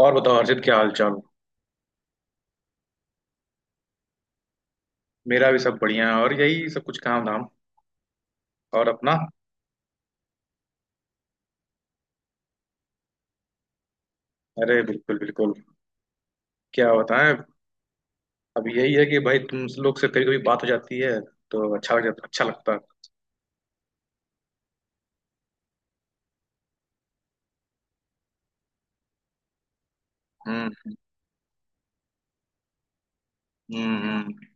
और बताओ हर्षित, क्या हाल चाल। मेरा भी सब बढ़िया है और यही सब कुछ, काम धाम। और अपना? अरे बिल्कुल बिल्कुल। क्या बताएं। अब यही है कि भाई तुम लोग से कभी कभी बात हो जाती है तो अच्छा लग जाता अच्छा लगता है। हम्म। हम्म हम्म।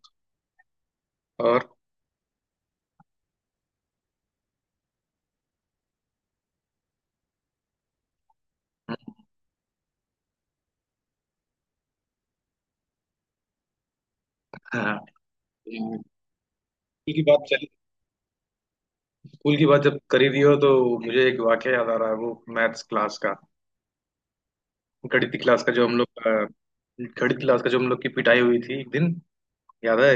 और? हाँ, स्कूल की बात चली। स्कूल की बात जब करी दी हो तो मुझे एक वाक्य याद आ रहा है, वो मैथ्स क्लास का, गणित की क्लास का जो हम लोग अ, गणित क्लास का जो हम लोग की पिटाई हुई थी एक दिन। याद है?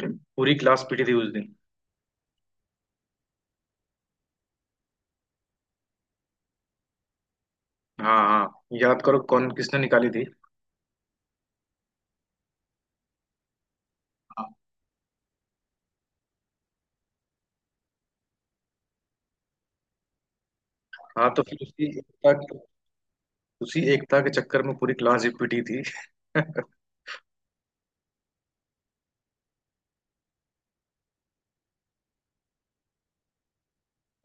पूरी क्लास पिटी थी उस दिन। हाँ हाँ। याद करो कौन, किसने निकाली थी। हाँ, तो फिर उसी एकता के चक्कर में पूरी क्लास ही पिटी थी।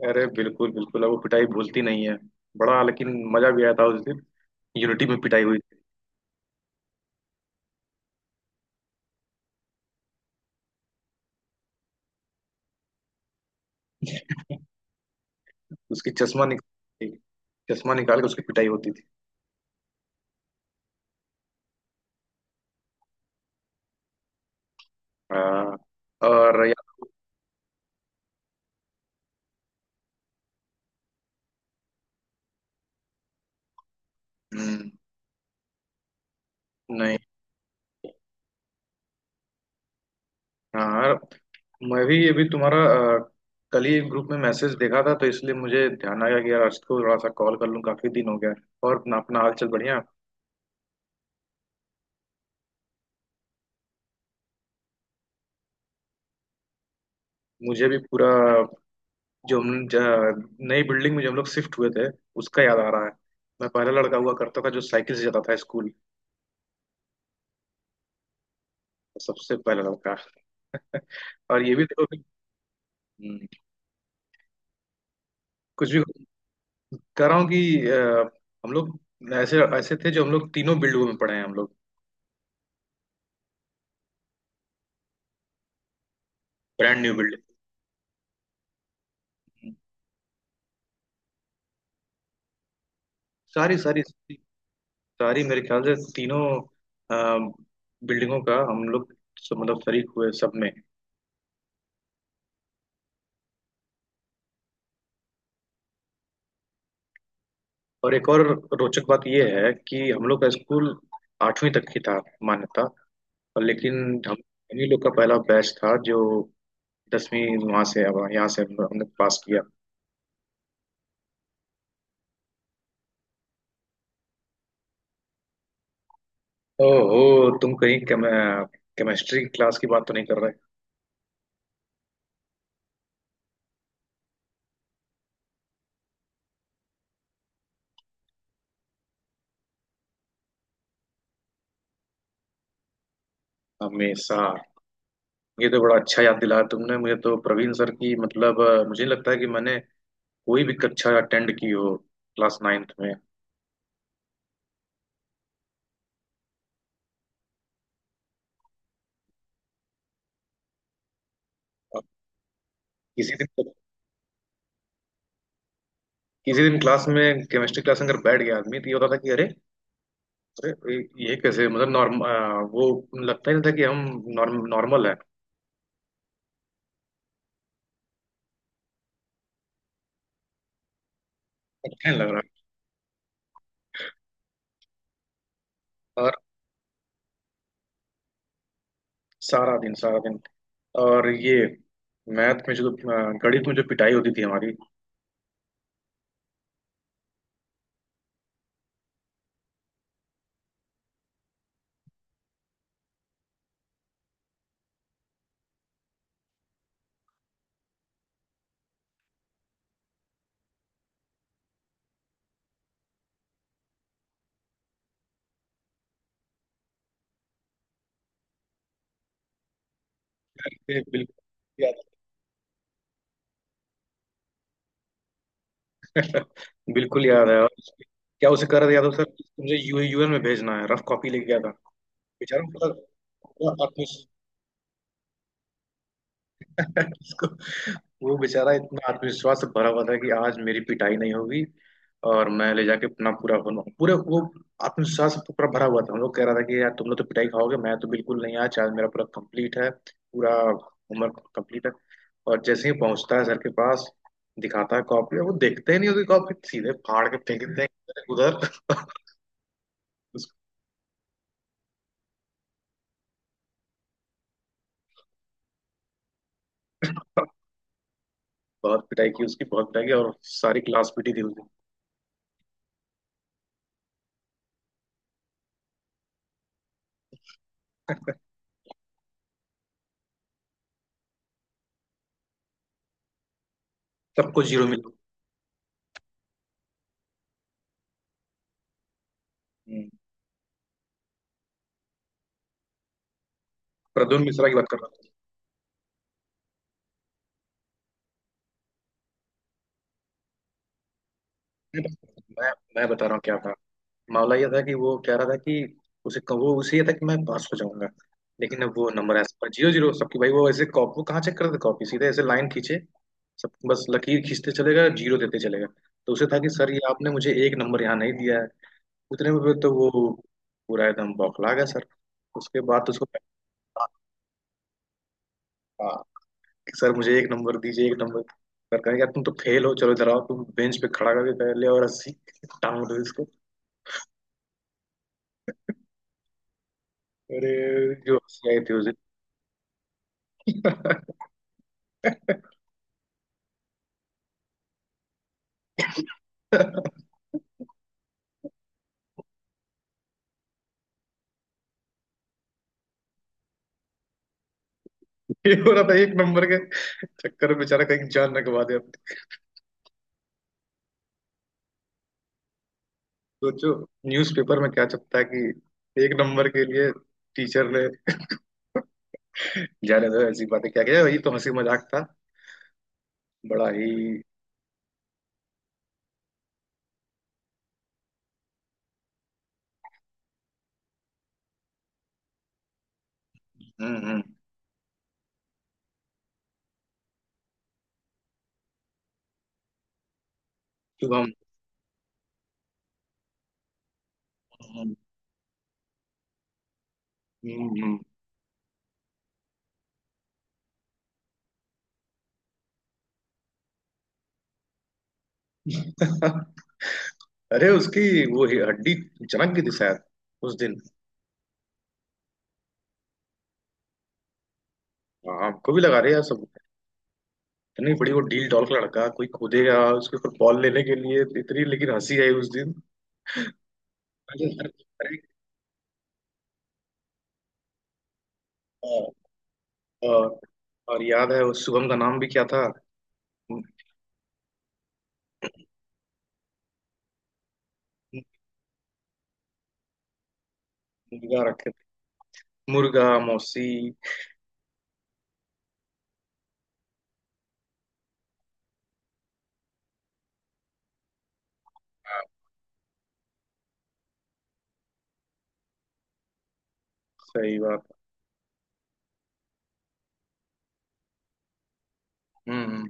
अरे बिल्कुल बिल्कुल। अब वो पिटाई भूलती नहीं है। बड़ा लेकिन मजा भी आया था उस दिन। यूनिटी में पिटाई हुई थी। उसकी चश्मा निकाल के उसकी पिटाई होती थी। हाँ और यार, हम्म। नहीं। हाँ यार, मैं भी अभी अ, कल ही ग्रुप में मैसेज देखा था तो इसलिए मुझे ध्यान आया कि यार अर्श को थोड़ा सा कॉल कर लूँ, काफी दिन हो गया। और अपना अपना हाल चाल बढ़िया। मुझे भी पूरा, जो हम ज- नई बिल्डिंग में जो हम लोग शिफ्ट हुए थे उसका याद आ रहा है। मैं पहला लड़का हुआ करता था जो साइकिल से जाता था स्कूल। सबसे पहला लड़का। और ये भी देखो कि, हम्म, कुछ भी। कह रहा हूँ कि अ, हम लोग ऐसे ऐसे थे जो हम लोग तीनों बिल्डिंगों में पढ़े हैं हम लोग। Brand new building. सारी सारी। सारी मेरे ख्याल से तीनों अ, बिल्डिंगों का हम लोग मतलब शरीक हुए सब में। और एक और रोचक बात यह है कि हम लोग का स्कूल आठवीं तक की था मान्यता, और लेकिन हम ही लोग का पहला बैच था जो दसवीं, वहां से, अब यहाँ से हम- हमने पास किया। ओहो, तुम कहीं केम, केमिस्ट्री क्लास की बात तो नहीं कर रहे। हमेशा। ये तो बड़ा अच्छा याद दिलाया तुमने, मुझे तो प्रवीण सर की मुझे नहीं लगता है कि मैंने कोई भी कक्षा अटेंड की हो क्लास नाइन्थ में। अब, किसी दिन तो, किसी दिन क्लास में, केमिस्ट्री क्लास में अगर बैठ गया आदमी तो ये होता था कि अरे, अरे ये कैसे मतलब नॉर्म वो लगता ही नहीं था कि हम नॉर्मल है। अच्छा नहीं लग रहा। सारा दिन सारा दिन। और ये, मैथ में जो अ, गणित में जो पिटाई होती थी हमारी। ये बिल्कुल याद है। बिल्कुल याद है। और क्या उसे कर दिया था सर? मुझे यू यूएन में भेजना है, रफ कॉपी लेके गया था। बेचारा पूरा, पूरा आत्मविश- उसको, वो बेचारा इतना आत्मविश्वास से भरा हुआ था कि आज मेरी पिटाई नहीं होगी। और मैं ले जाके अपना पूरा बनू पूरे वो आत्मविश्वास से पूरा भरा हुआ था, हम लोग कह रहा था कि यार तुम लोग तो पिटाई खाओगे, मैं तो बिल्कुल नहीं, आज आज मेरा पूरा कंप्लीट है, पूरा होमवर्क कंप्लीट है। और जैसे ही पहुंचता है सर के पास, दिखाता है कॉपी, और वो देखते ही नहीं उसकी कॉपी, सीधे फाड़ के फेंक देते हैं उधर उधर। उसको बहुत पिटाई की, उसकी बहुत पिटाई की, और सारी क्लास पीटी थी उसको। सबको जीरो मिला। हम्म। प्रद्युम्न मिश्रा की बात कर रहा। नहीं, मैं मैं बता रहा हूँ क्या था। मामला ये था कि वो कह रहा था कि उसे ये था कि मैं पास हो जाऊंगा। लेकिन अब वो नंबर ऐसा, पर जीरो जीरो सबकी, भाई वो ऐसे कॉपी, वो कहाँ चेक करते कॉपी, सीधे ऐसे लाइन खींचे, सब बस लकीर खींचते चलेगा, जीरो देते चलेगा। तो उसे था कि सर ये आपने मुझे एक नंबर यहाँ नहीं दिया है। उतने में फिर तो वो पूरा एकदम बौखला गया सर, उसके बाद उसको। हाँ हाँ, कि सर मुझे एक नंबर दीजिए, एक नंबर। सर कहेगा तुम तो फेल हो, चलो इधर आओ, तुम बेंच पे खड़ा करके ले और रस्सी टांग दो। अरे जो हंसी थी उसे। ये हो रहा था एक नंबर के चक्कर में, बेचारा कहीं जान न गवा दे अपनी। सोचो न्यूज़पेपर में क्या छपता है कि एक नंबर के लिए टीचर ने। जाने दो ऐसी बातें, क्या किया, वही तो हंसी मजाक था बड़ा ही। हम्म। शुभम। हम्म हम्म। अरे उसकी वो ही हड्डी चमक गई थी शायद उस दिन। हाँ हमको भी लगा रहे यार सब। इतनी बड़ी वो डील डॉल का लड़का, कोई कूदेगा उसके ऊपर बॉल लेने के लिए तो, इतनी लेकिन हंसी आई उस दिन। अरे अरे। अरे, अ, अ, और याद है उस शुभम का नाम भी क्या था? मु- मुर्गा रखे थे, मुर्गा मौसी। सही बात। हम्म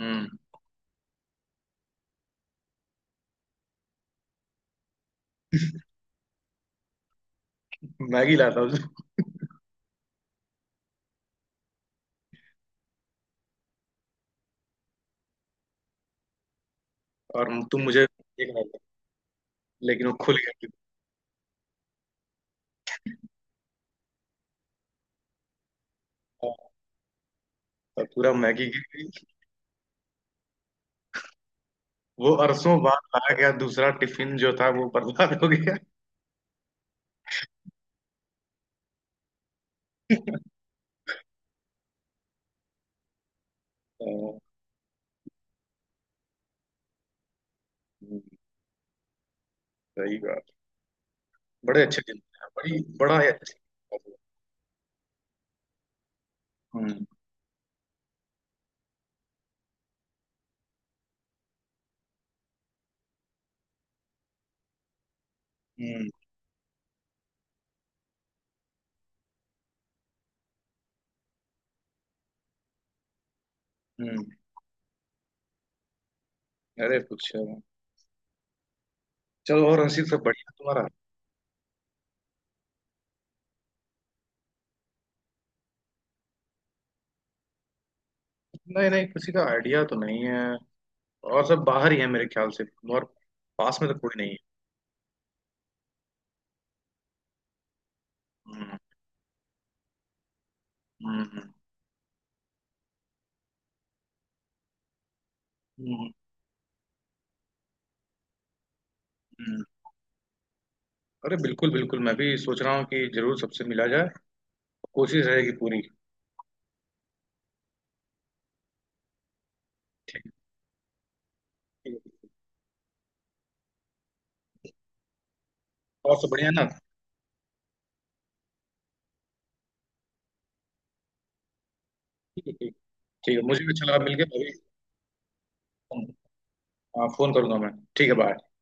हम्म। मैगी लाता हूँ। और तुम मुझे एक लाते। लेकिन वो खुल गया टिफिन। और पूरा मैगी गिर गई। वो अरसों बाद लाया गया दूसरा टिफिन जो था वो बर्बाद हो गया। हाँ, हम्म, सही बात। बड़े अच्छे दिन थे। बड़ी, बड़ा ही अच्छा। हम्म। हम्म हम्म। अरे कुछ, चलो। और रंजीत सब बढ़िया तुम्हारा? नहीं नहीं, किसी का आइडिया तो नहीं है। और सब बाहर ही है मेरे ख्याल से, और पास में तो कोई नहीं है। हम्म हम्म। हम्म। हम्म। अरे बिल्कुल बिल्कुल, मैं भी सोच रहा हूँ कि जरूर सबसे मिला जाए, कोशिश रहेगी पूरी। ठीक है ठीक है। और सब बढ़िया है ना? ठीक है ठीक है। ठीक है, मुझे भी अच्छा लगा मिलके अभी। हाँ फोन करूंगा मैं। ठीक है, बाय।